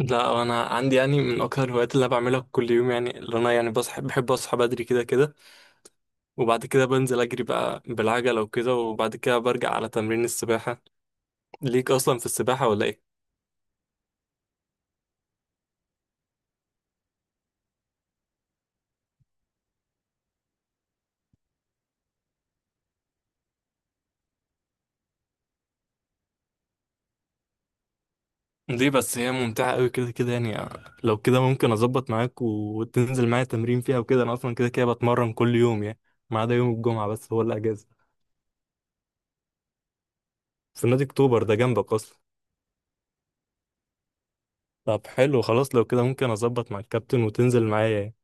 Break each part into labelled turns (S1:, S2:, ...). S1: لا انا عندي يعني من اكتر الهوايات اللي انا بعملها كل يوم. يعني اللي انا يعني بحب اصحى بدري كده كده، وبعد كده بنزل اجري بقى بالعجله وكده. وبعد كده برجع على تمرين السباحه. ليك اصلا في السباحه ولا ايه؟ ليه بس، هي ممتعه قوي كده كده يعني. لو كده ممكن اظبط معاك وتنزل معايا تمرين فيها وكده. انا اصلا كده كده بتمرن كل يوم يعني، ما عدا يوم الجمعه بس هو الاجازه. في نادي اكتوبر ده جنبك اصلا. طب حلو خلاص، لو كده ممكن اظبط مع الكابتن وتنزل معايا يعني.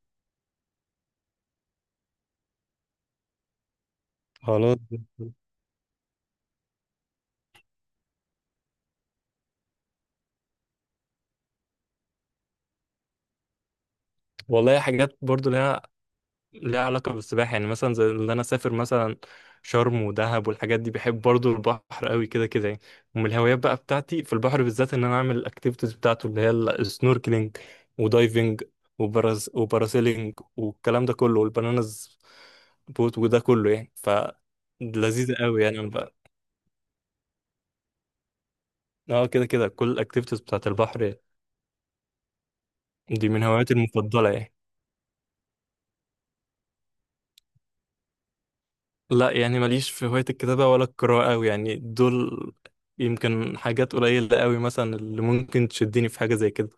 S1: خلاص. والله، حاجات برضو ليها، علاقة بالسباحة يعني. مثلا زي اللي أنا أسافر مثلا شرم ودهب والحاجات دي، بحب برضو البحر قوي كده كده يعني. ومن الهوايات بقى بتاعتي في البحر بالذات إن أنا أعمل الأكتيفيتيز بتاعته اللي هي السنوركلينج ودايفنج وبراز وباراسيلينج والكلام ده كله والبنانز بوت وده كله يعني. لذيذة قوي يعني، أنا بقى. اه، كده كده كل الأكتيفيتيز بتاعت البحر دي من هواياتي المفضلة يعني. لا، يعني ماليش في هواية الكتابة ولا القراءة أوي يعني. دول يمكن حاجات قليلة أوي، مثلا اللي ممكن تشدني في حاجة زي كده.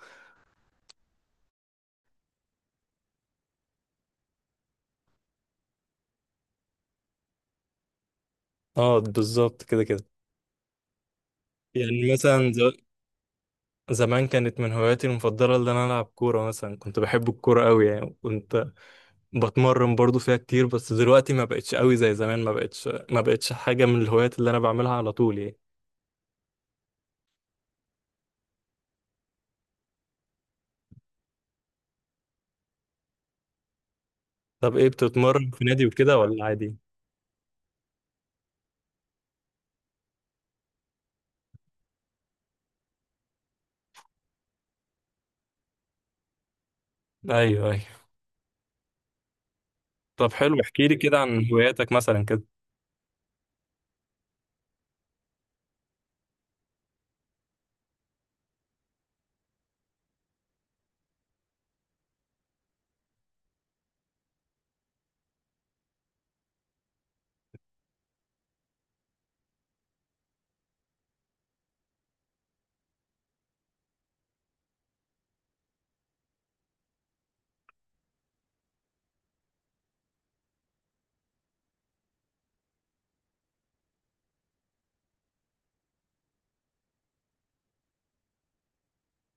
S1: اه، بالظبط كده كده. يعني مثلا زمان كانت من هواياتي المفضلة اللي أنا ألعب كورة مثلا. كنت بحب الكورة أوي يعني، كنت بتمرن برضو فيها كتير، بس دلوقتي ما بقتش أوي زي زمان، ما بقتش حاجة من الهوايات اللي أنا بعملها على طول يعني. طب إيه، بتتمرن في نادي وكده ولا عادي؟ أيوه أيوه. طب حلو، احكيلي كده عن هواياتك مثلا كده.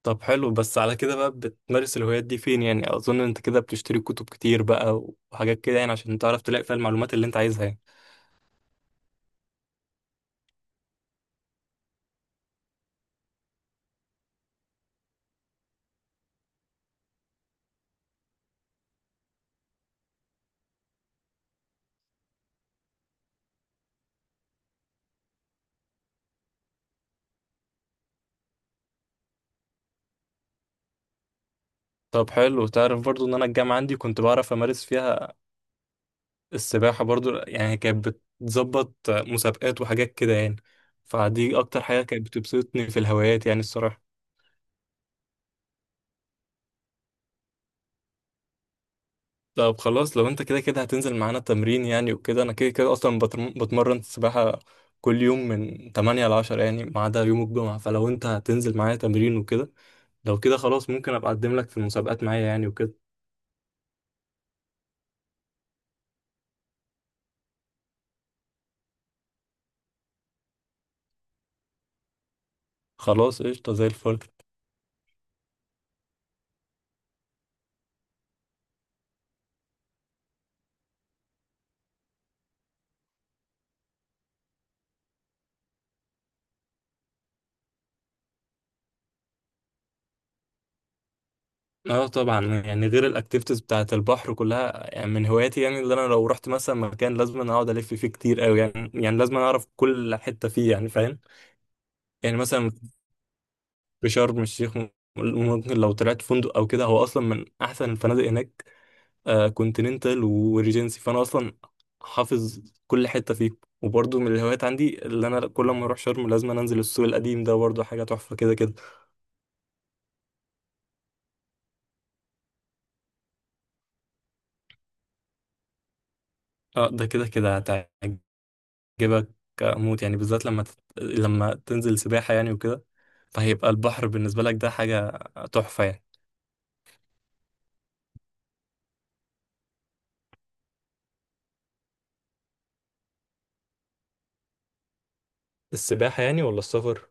S1: طب حلو، بس على كده بقى بتمارس الهوايات دي فين يعني؟ اظن انت كده بتشتري كتب كتير بقى وحاجات كده يعني، عشان تعرف تلاقي فيها المعلومات اللي انت عايزها يعني. طب حلو، تعرف برضو ان انا الجامعة عندي كنت بعرف امارس فيها السباحة برضو يعني. كانت بتظبط مسابقات وحاجات كده يعني، فدي اكتر حاجة كانت بتبسطني في الهوايات يعني الصراحة. طب خلاص، لو انت كده كده هتنزل معانا تمرين يعني وكده، انا كده كده اصلا بتمرن سباحة كل يوم من 8 ل 10 يعني، ما عدا يوم الجمعة. فلو انت هتنزل معايا تمرين وكده، لو كده خلاص ممكن ابقى اقدم لك في المسابقات معايا يعني وكده. خلاص، قشطة زي الفل. اه طبعا. يعني غير الاكتيفيتيز بتاعه البحر كلها يعني، من هواياتي يعني، اللي انا لو رحت مثلا مكان لازم أنا اقعد الف فيه كتير قوي يعني. يعني لازم أنا اعرف كل حته فيه يعني، فاهم؟ يعني مثلا في شرم الشيخ ممكن لو طلعت فندق او كده، هو اصلا من احسن الفنادق هناك. كونتيننتال وريجنسي، فانا اصلا حافظ كل حته فيه. وبرضه من الهوايات عندي، اللي انا كل ما اروح شرم لازم أنا انزل السوق القديم ده، برضه حاجه تحفه كده كده. اه، ده كده كده هتعجبك موت يعني، بالذات لما لما تنزل سباحة يعني وكده، فهيبقى البحر بالنسبة لك ده حاجة تحفة يعني. السباحة يعني ولا السفر؟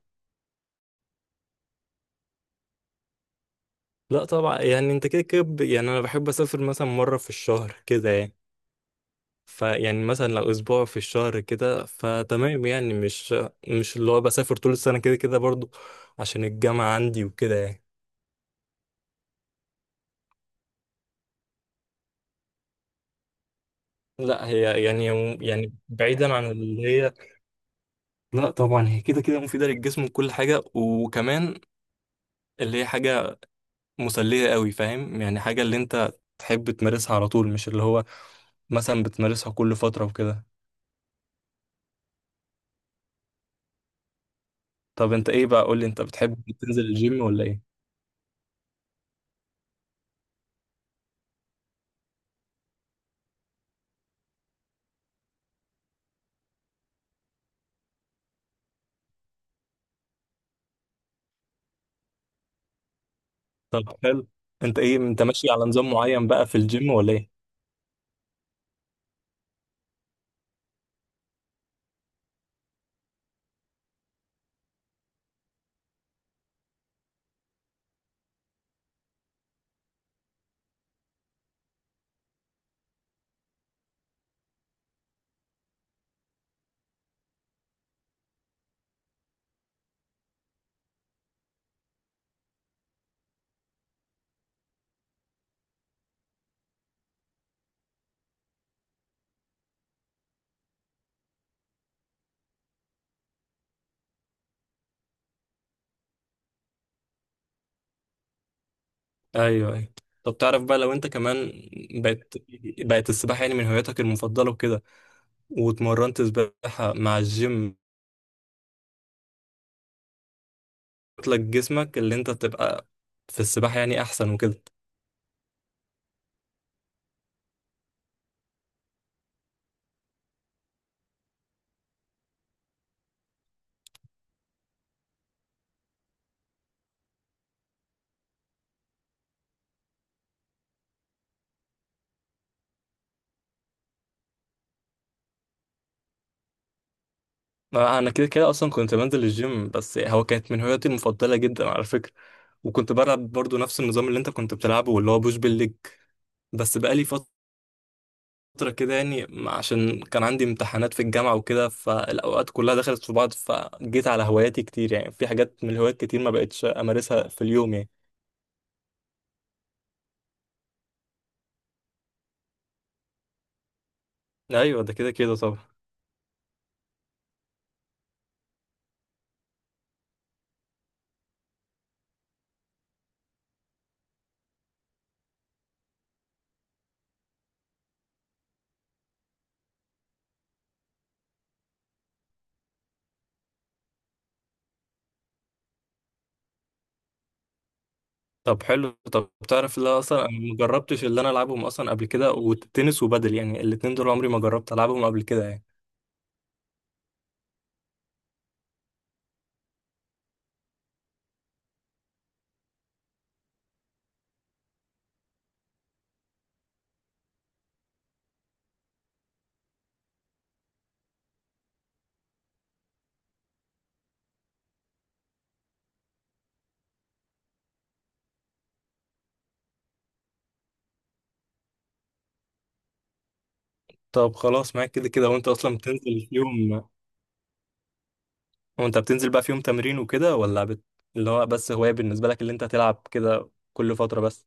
S1: لا طبعا يعني، انت كده كده يعني انا بحب اسافر مثلا مرة في الشهر كده يعني. فيعني مثلا لو اسبوع في الشهر كده فتمام يعني، مش اللي هو بسافر طول السنة كده كده برضو، عشان الجامعة عندي وكده يعني. لا هي يعني بعيدا عن اللي هي، لا طبعا، هي كده كده مفيدة للجسم وكل حاجة، وكمان اللي هي حاجة مسلية قوي، فاهم يعني؟ حاجة اللي انت تحب تمارسها على طول، مش اللي هو مثلا بتمارسها كل فترة وكده. طب انت ايه بقى، قول لي، انت بتحب تنزل الجيم ولا ايه؟ طب حلو. انت ايه، انت ماشي على نظام معين بقى في الجيم ولا ايه؟ ايوه ايوه. طب تعرف بقى، لو انت كمان بقت بقت السباحة يعني من هواياتك المفضلة وكده، واتمرنت سباحة مع الجيم، لك جسمك اللي انت تبقى في السباحة يعني احسن وكده. ما انا كده كده اصلا كنت بنزل الجيم، بس هو كانت من هواياتي المفضله جدا على فكره. وكنت بلعب برضو نفس النظام اللي انت كنت بتلعبه واللي هو بوش بالليج. بس بقالي فتره كده يعني، عشان كان عندي امتحانات في الجامعه وكده، فالاوقات كلها دخلت في بعض، فجيت على هواياتي كتير يعني، في حاجات من الهوايات كتير ما بقتش امارسها في اليوم يعني. ايوه، ده كده كده طبعا. طب حلو. طب تعرف، لا اصلا انا ما جربتش اللي انا العبهم اصلا قبل كده، والتنس وبادل يعني، الاتنين دول عمري ما جربت العبهم قبل كده يعني. طب خلاص، معاك كده كده، وانت اصلا بتنزل في يوم، وانت بتنزل بقى في يوم تمرين وكده، ولا اللي هو بس هواية بالنسبة لك، اللي انت تلعب كده كل فترة بس؟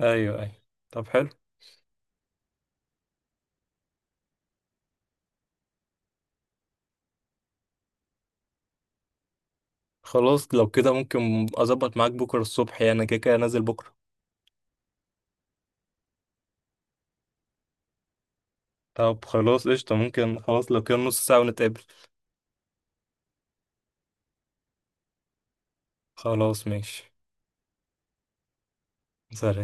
S1: ايوه ايوه. طب حلو خلاص، لو كده ممكن اظبط معاك بكرة الصبح يعني، انا كده كده نازل بكرة. طب خلاص قشطة، ممكن خلاص لو كده نص ساعة ونتقابل. خلاص ماشي. سلام.